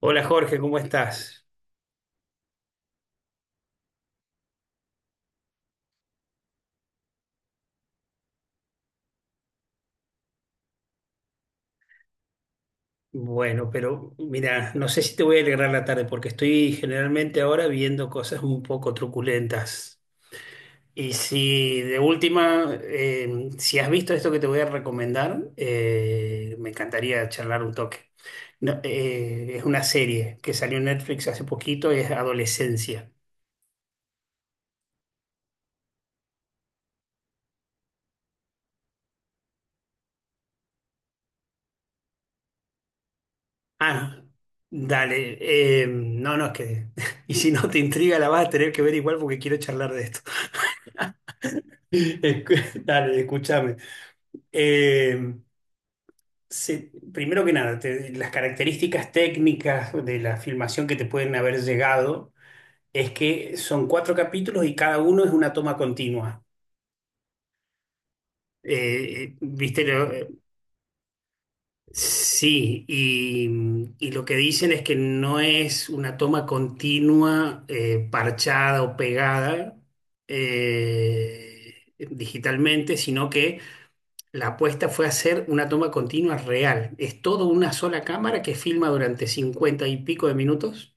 Hola Jorge, ¿cómo estás? Bueno, pero mira, no sé si te voy a alegrar la tarde porque estoy generalmente ahora viendo cosas un poco truculentas. Y si de última, si has visto esto que te voy a recomendar, me encantaría charlar un toque. No, es una serie que salió en Netflix hace poquito, es Adolescencia. Ah, dale, no, no, es que. Y si no te intriga, la vas a tener que ver igual porque quiero charlar de esto. Dale, escúchame. Eh, Primero que nada, las características técnicas de la filmación que te pueden haber llegado es que son cuatro capítulos y cada uno es una toma continua. ¿Viste? Sí, y lo que dicen es que no es una toma continua, parchada o pegada digitalmente, sino que la apuesta fue hacer una toma continua real. Es todo una sola cámara que filma durante 50 y pico de minutos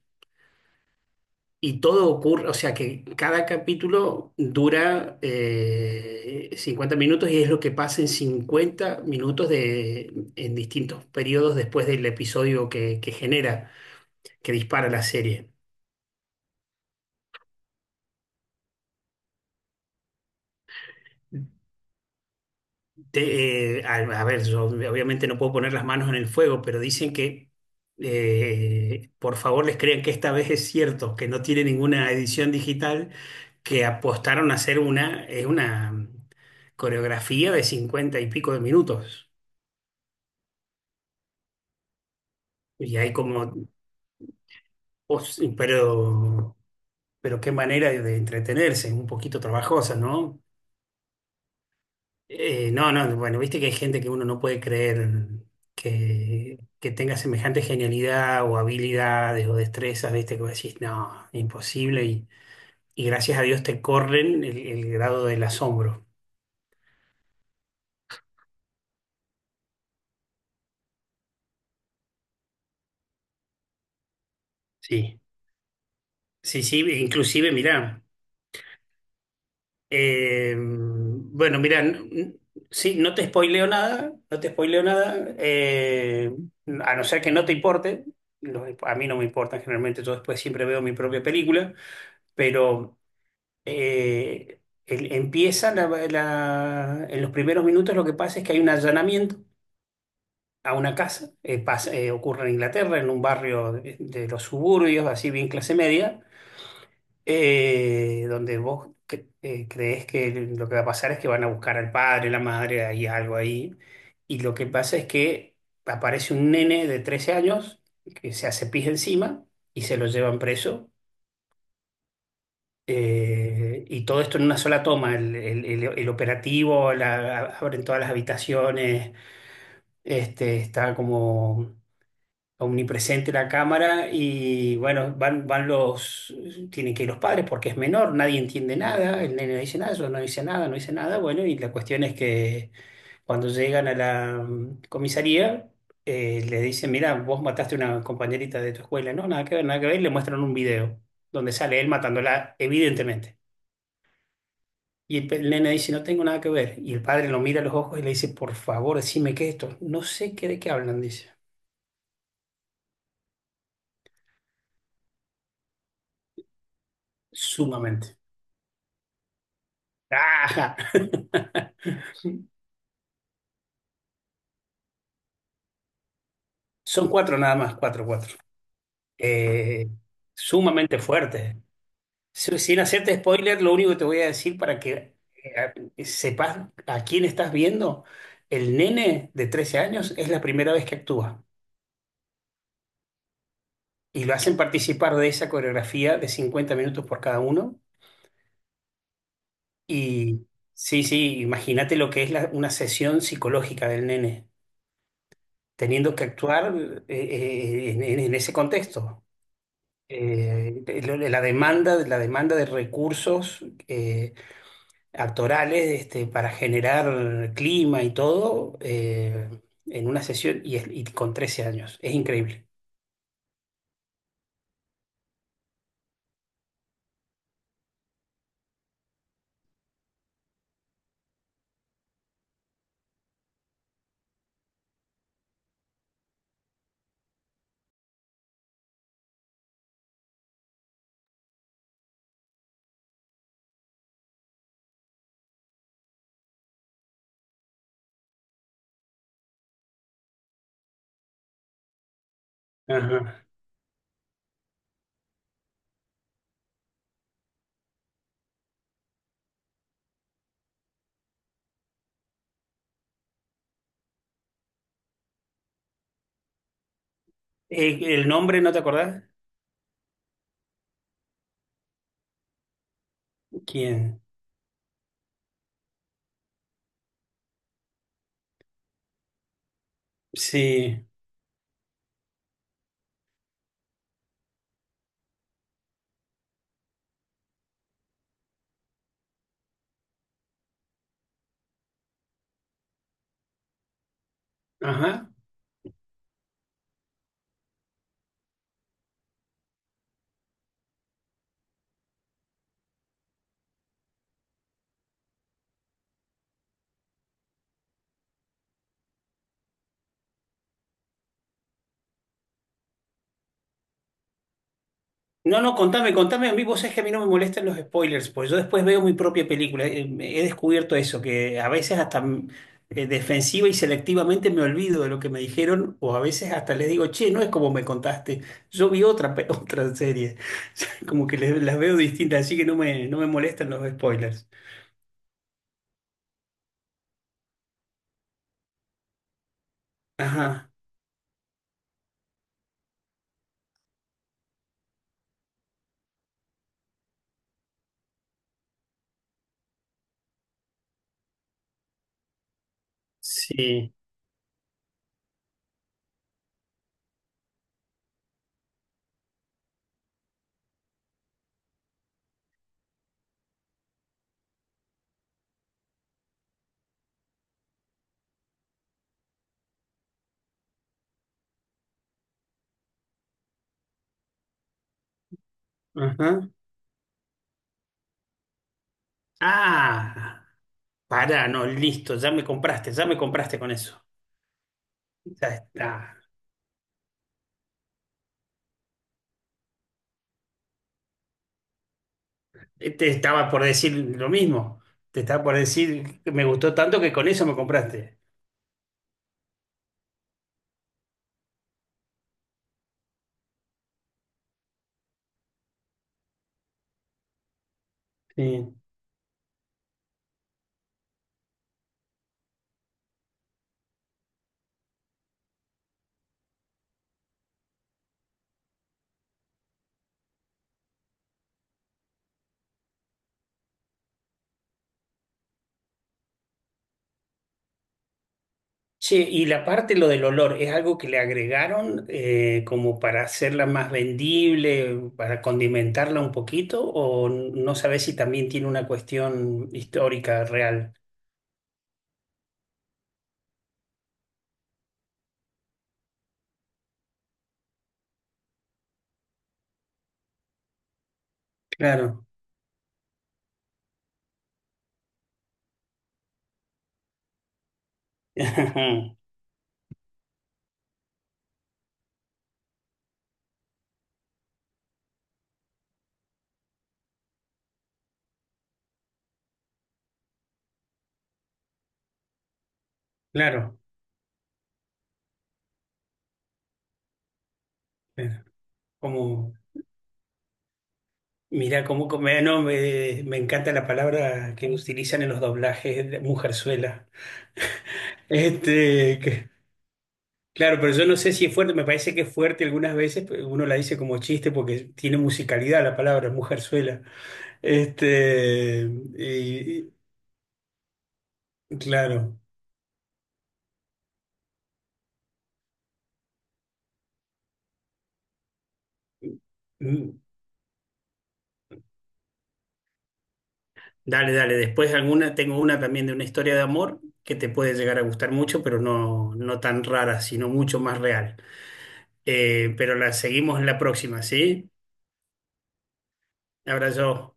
y todo ocurre, o sea que cada capítulo dura 50 minutos y es lo que pasa en 50 minutos de, en distintos periodos después del episodio que genera, que dispara la serie. A ver, yo obviamente no puedo poner las manos en el fuego, pero dicen que por favor les crean que esta vez es cierto, que no tiene ninguna edición digital, que apostaron a hacer una, es una coreografía de 50 y pico de minutos. Y hay como, os- pero, pero qué manera de entretenerse, un poquito trabajosa, ¿no? No, no, bueno, viste que hay gente que uno no puede creer que tenga semejante genialidad o habilidades o destrezas, viste, que vos decís, no, imposible, y, gracias a Dios te corren el grado del asombro. Sí, sí, sí, inclusive, mirá, bueno, mirá, sí, no te spoileo nada, no te spoileo nada, a no ser que no te importe, a mí no me importa, generalmente yo después siempre veo mi propia película, pero. eh, Empieza en los primeros minutos lo que pasa es que hay un allanamiento a una casa, ocurre en Inglaterra, en un barrio de los suburbios, así bien clase media, donde vos creés que lo que va a pasar es que van a buscar al padre, la madre, hay algo ahí, y lo que pasa es que aparece un nene de 13 años que se hace pis encima y se lo llevan preso. Y todo esto en una sola toma, el operativo, abren todas las habitaciones, este, está como omnipresente la cámara y bueno, van, van los, tienen que ir los padres porque es menor, nadie entiende nada, el nene no dice nada, yo no dice nada, no dice nada, bueno, y la cuestión es que cuando llegan a la comisaría. Le dicen, mira, vos mataste a una compañerita de tu escuela. No, nada que ver, nada que ver. Y le muestran un video donde sale él matándola, evidentemente. Y el el nene dice, no tengo nada que ver. Y el padre lo mira a los ojos y le dice, por favor, decime qué es esto. No sé qué de qué hablan, dice. Sumamente. ¡Ajá! Son cuatro nada más, cuatro, cuatro. Eh, Sumamente fuertes. Sin hacerte spoiler, lo único que te voy a decir para que sepas a quién estás viendo, el nene de 13 años es la primera vez que actúa. Y lo hacen participar de esa coreografía de 50 minutos por cada uno. Y sí, sí, imagínate lo que es una sesión psicológica del nene, teniendo que actuar en ese contexto. La demanda, la demanda de recursos actorales este, para generar clima y todo en una sesión y, y con 13 años. Es increíble. Ajá. ¿El nombre no te acordás? ¿Quién? Sí. Ajá. No, no, contame, contame a mí. Vos sabés que a mí no me molestan los spoilers, pues yo después veo mi propia película. He descubierto eso, que a veces hasta defensiva y selectivamente me olvido de lo que me dijeron, o a veces hasta les digo, che, no es como me contaste. Yo vi otra, otra serie. Como que las veo distintas, así que no me, no me molestan los spoilers. Ajá, sí, ajá. Ah, pará, no, listo, ya me compraste con eso. Ya está. Te estaba por decir lo mismo. Te estaba por decir que me gustó tanto que con eso me compraste. Sí. Che, y la parte, lo del olor, ¿es algo que le agregaron como para hacerla más vendible, para condimentarla un poquito? ¿O no sabes si también tiene una cuestión histórica real? Claro, claro. Claro. Como, mira, como, no, me encanta la palabra que utilizan en los doblajes de mujerzuela. Este, claro, pero yo no sé si es fuerte, me parece que es fuerte algunas veces, pero uno la dice como chiste porque tiene musicalidad la palabra, mujerzuela. Este, y- claro. Mm, Dale, dale, después alguna, tengo una también de una historia de amor que te puede llegar a gustar mucho, pero no, no tan rara, sino mucho más real. Pero la seguimos en la próxima, ¿sí? Abrazo.